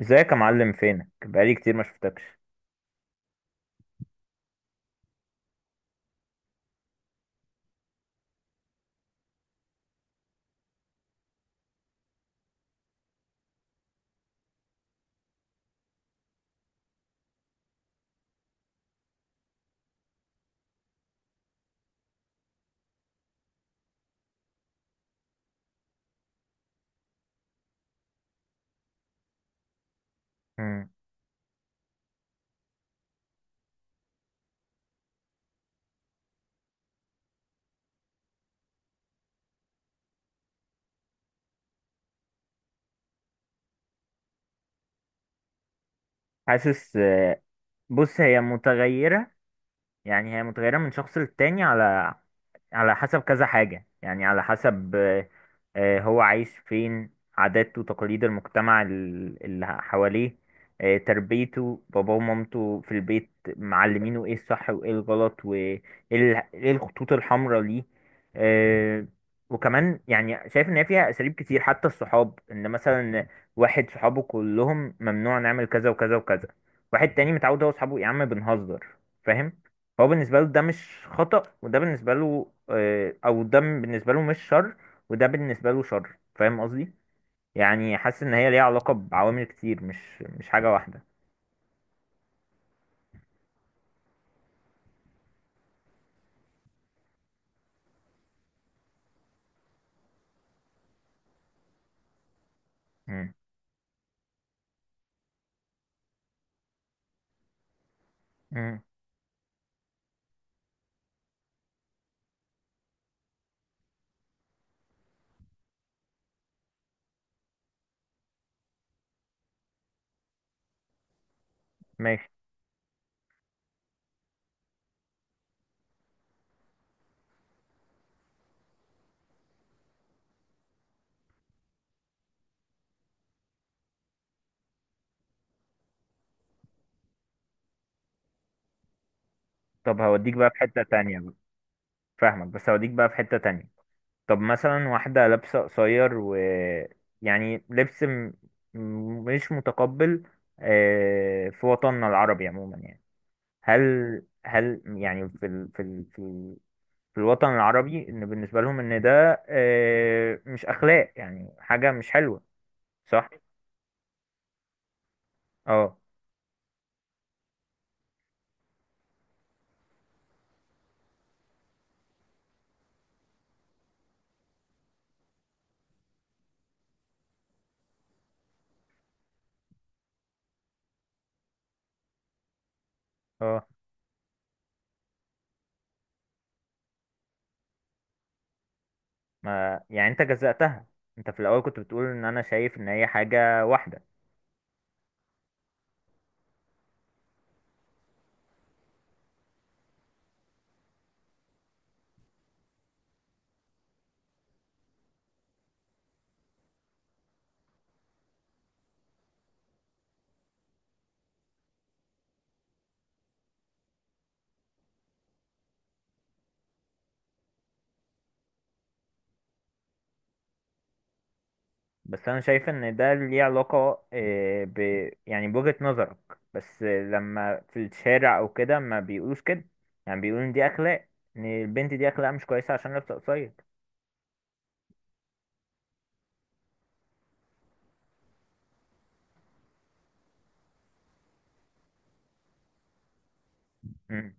ازيك يا معلم؟ فينك بقالي كتير ما شفتكش؟ مم. حاسس. بص، هي متغيرة. يعني هي متغيرة من شخص للتاني، على حسب كذا حاجة. يعني على حسب هو عايش فين، عاداته وتقاليد المجتمع اللي حواليه. تربيته، باباه ومامته في البيت، معلمينه ايه الصح وايه الغلط وايه إيه الخطوط الحمراء ليه. آه، وكمان يعني شايف ان هي فيها اساليب كتير، حتى الصحاب. ان مثلا واحد صحابه كلهم ممنوع نعمل كذا وكذا وكذا، واحد تاني متعود هو صحابه يا عم بنهزر، فاهم؟ هو بالنسبة له ده مش خطأ، وده بالنسبة له أو ده بالنسبة له مش شر، وده بالنسبة له شر. فاهم قصدي؟ يعني حاسس إن هي ليها علاقة بعوامل كتير، مش حاجة واحدة. مم. مم. ماشي. طب هوديك بقى في حتة تانية بقى. فاهمك، بس هوديك بقى في حتة تانية. طب مثلا واحدة لابسة قصير و يعني لبس مش متقبل في وطننا العربي عموما. يعني هل، يعني في ال... في ال... في في الوطن العربي، ان بالنسبه لهم ان ده مش اخلاق، يعني حاجه مش حلوه، صح؟ اه اه. ما يعني انت جزأتها؟ انت في الاول كنت بتقول ان انا شايف ان هي حاجه واحده. بس انا شايف ان ده ليه علاقه آه، ب يعني بوجهة نظرك. بس لما في الشارع او كده ما بيقولوش كده، يعني بيقولوا ان دي اخلاق، ان البنت دي اخلاق مش كويسه عشان لابسه قصير. امم.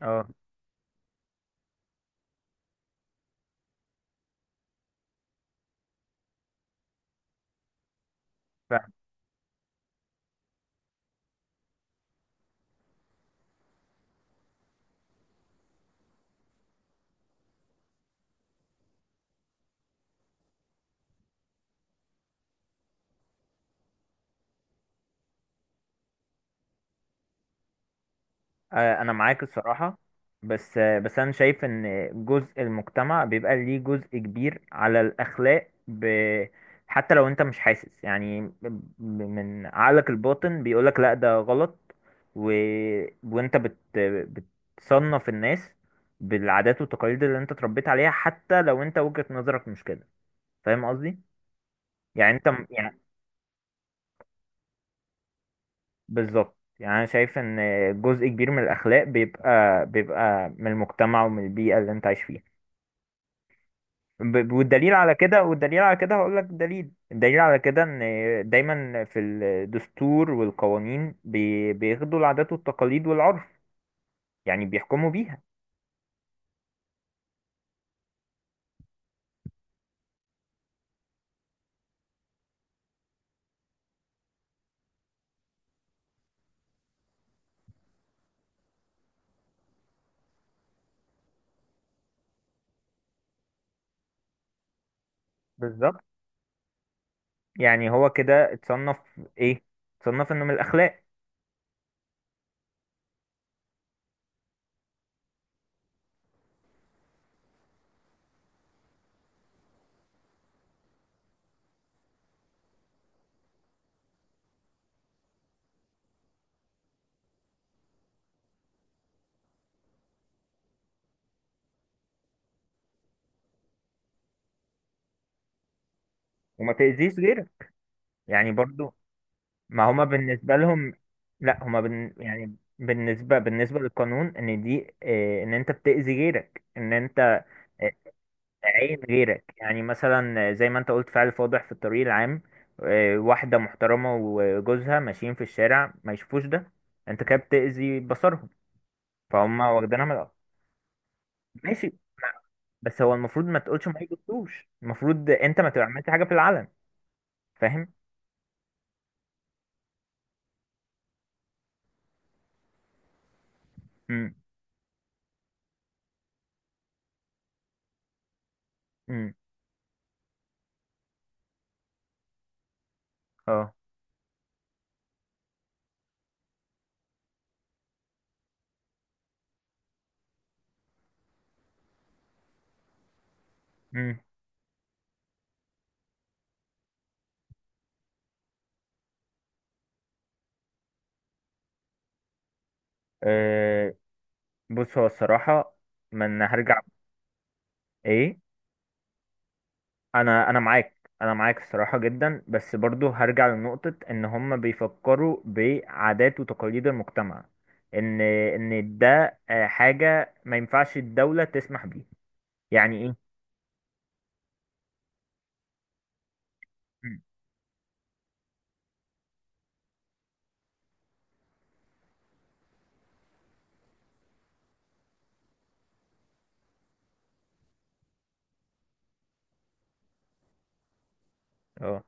اه. انا معاك الصراحه. بس انا شايف ان جزء المجتمع بيبقى ليه جزء كبير على الاخلاق حتى لو انت مش حاسس. يعني من عقلك الباطن بيقولك لا ده غلط. و... وانت بت... بتصنف الناس بالعادات والتقاليد اللي انت اتربيت عليها، حتى لو انت وجهة نظرك مش كده. فاهم قصدي؟ يعني انت بالظبط. يعني انا شايف ان جزء كبير من الاخلاق بيبقى من المجتمع ومن البيئة اللي انت عايش فيها. والدليل على كده، هقول لك دليل. الدليل على كده ان دايما في الدستور والقوانين بياخدوا العادات والتقاليد والعرف، يعني بيحكموا بيها. بالظبط. يعني هو كده اتصنف، ايه، اتصنف انه من الاخلاق. وما تأذيش غيرك، يعني برضو. ما هما بالنسبة لهم، لا، هما يعني بالنسبة، للقانون، ان دي إيه، ان انت بتأذي غيرك، ان انت عين غيرك. يعني مثلا زي ما انت قلت، فعل فاضح في الطريق العام واحدة محترمة وجوزها ماشيين في الشارع، ما يشوفوش ده. انت كده بتأذي بصرهم، فهم واخدينها من الأرض. ماشي. بس هو المفروض ما تقولش ما يجبتوش. المفروض انت ما تبقى عملت حاجة في العلن. فاهم. امم. امم. اه. امم. آه، بص هو الصراحة من هرجع، ايه؟ انا معاك، الصراحه جدا. بس برضو هرجع لنقطه، ان هم بيفكروا بعادات وتقاليد المجتمع، ان ده حاجه ما ينفعش الدوله تسمح بيه. يعني ايه. مم. اه.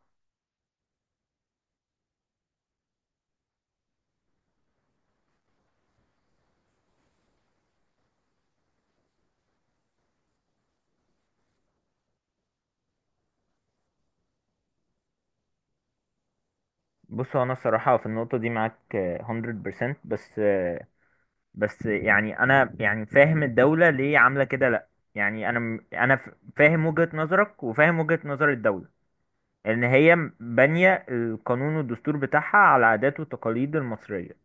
بص هو انا الصراحه في النقطه دي معاك 100%. بس يعني انا فاهم الدوله ليه عامله كده، لا؟ يعني انا انا فاهم وجهه نظرك وفاهم وجهه نظر الدوله، ان هي بانية القانون والدستور بتاعها على عادات والتقاليد المصرية،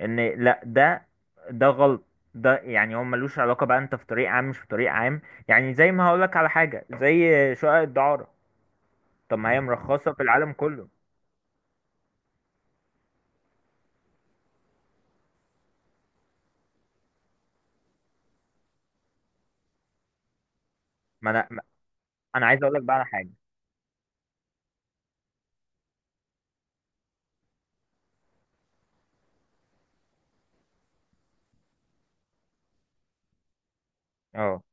ان لا ده، غلط. ده يعني هو ملوش علاقة بقى انت في طريق عام مش في طريق عام. يعني زي ما هقولك على حاجة زي شقق الدعارة. طب ما هي مرخصة في العالم كله. ما انا، ما انا عايز اقولك بقى على حاجة. اه.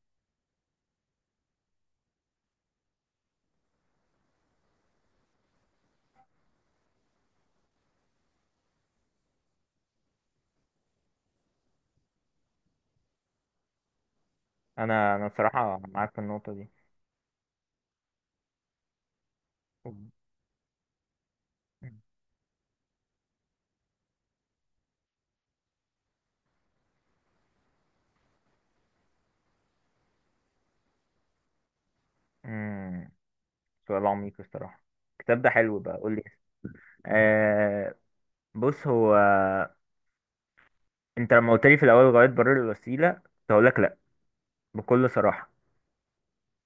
انا الصراحة معاك في النقطة دي. امم. سؤال عميق الصراحة. الكتاب ده حلو بقى، قول لي. آه. بص هو، انت لما قلت لي في الاول غاية برر الوسيلة كنت هقول لك لا، بكل صراحة.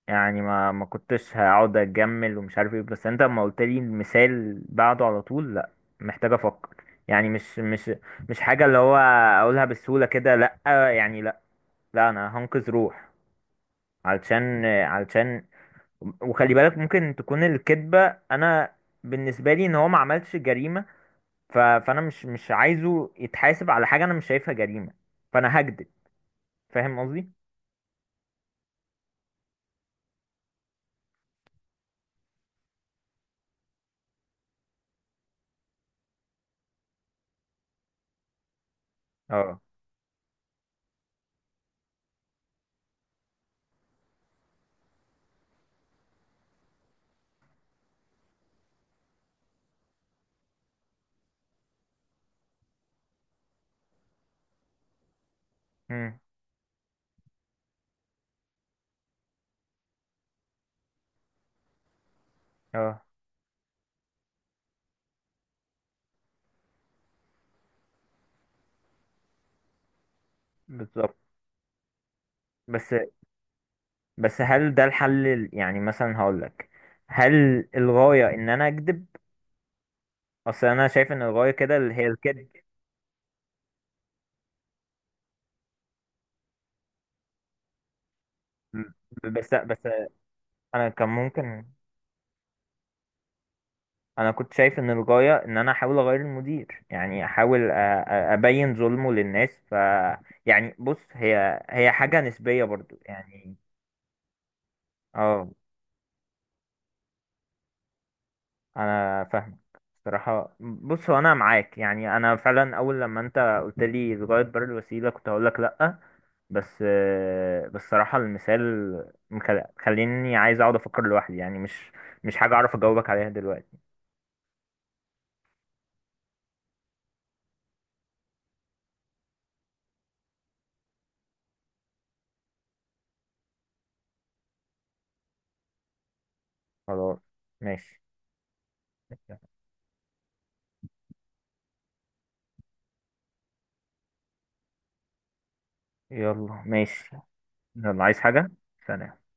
يعني ما كنتش هقعد اجمل ومش عارف ايه. بس انت لما قلت لي المثال بعده على طول، لا. محتاج افكر. يعني مش حاجة اللي هو اقولها بالسهولة كده. لا. يعني لا. لا، انا هنقذ روح. علشان وخلي بالك، ممكن تكون الكذبة، انا بالنسبة لي ان هو ما عملش جريمة. فانا مش عايزه يتحاسب على حاجة انا مش شايفها جريمة، فانا هكذب. فاهم قصدي؟ اه. امم. اه. بالظبط. بس بس هل ده الحل يعني مثلا هقولك، هل الغاية ان انا اكذب؟ اصل انا شايف ان الغاية كده اللي هي الكذب. م- بس انا كان ممكن، انا كنت شايف ان الغاية ان انا احاول اغير المدير، يعني احاول ابين ظلمه للناس. يعني بص، هي حاجة نسبية برضو يعني. اه. انا فاهمك. صراحة بص هو انا معاك. يعني انا فعلا اول لما انت قلت لي لغاية بر الوسيلة كنت هقول لك لا. بس بس صراحة المثال مخليني عايز اقعد افكر لوحدي. يعني مش حاجة اعرف اجاوبك عليها دلوقتي. خلاص. ماشي. يلا، ماشي. يلا، عايز حاجة؟ سلام.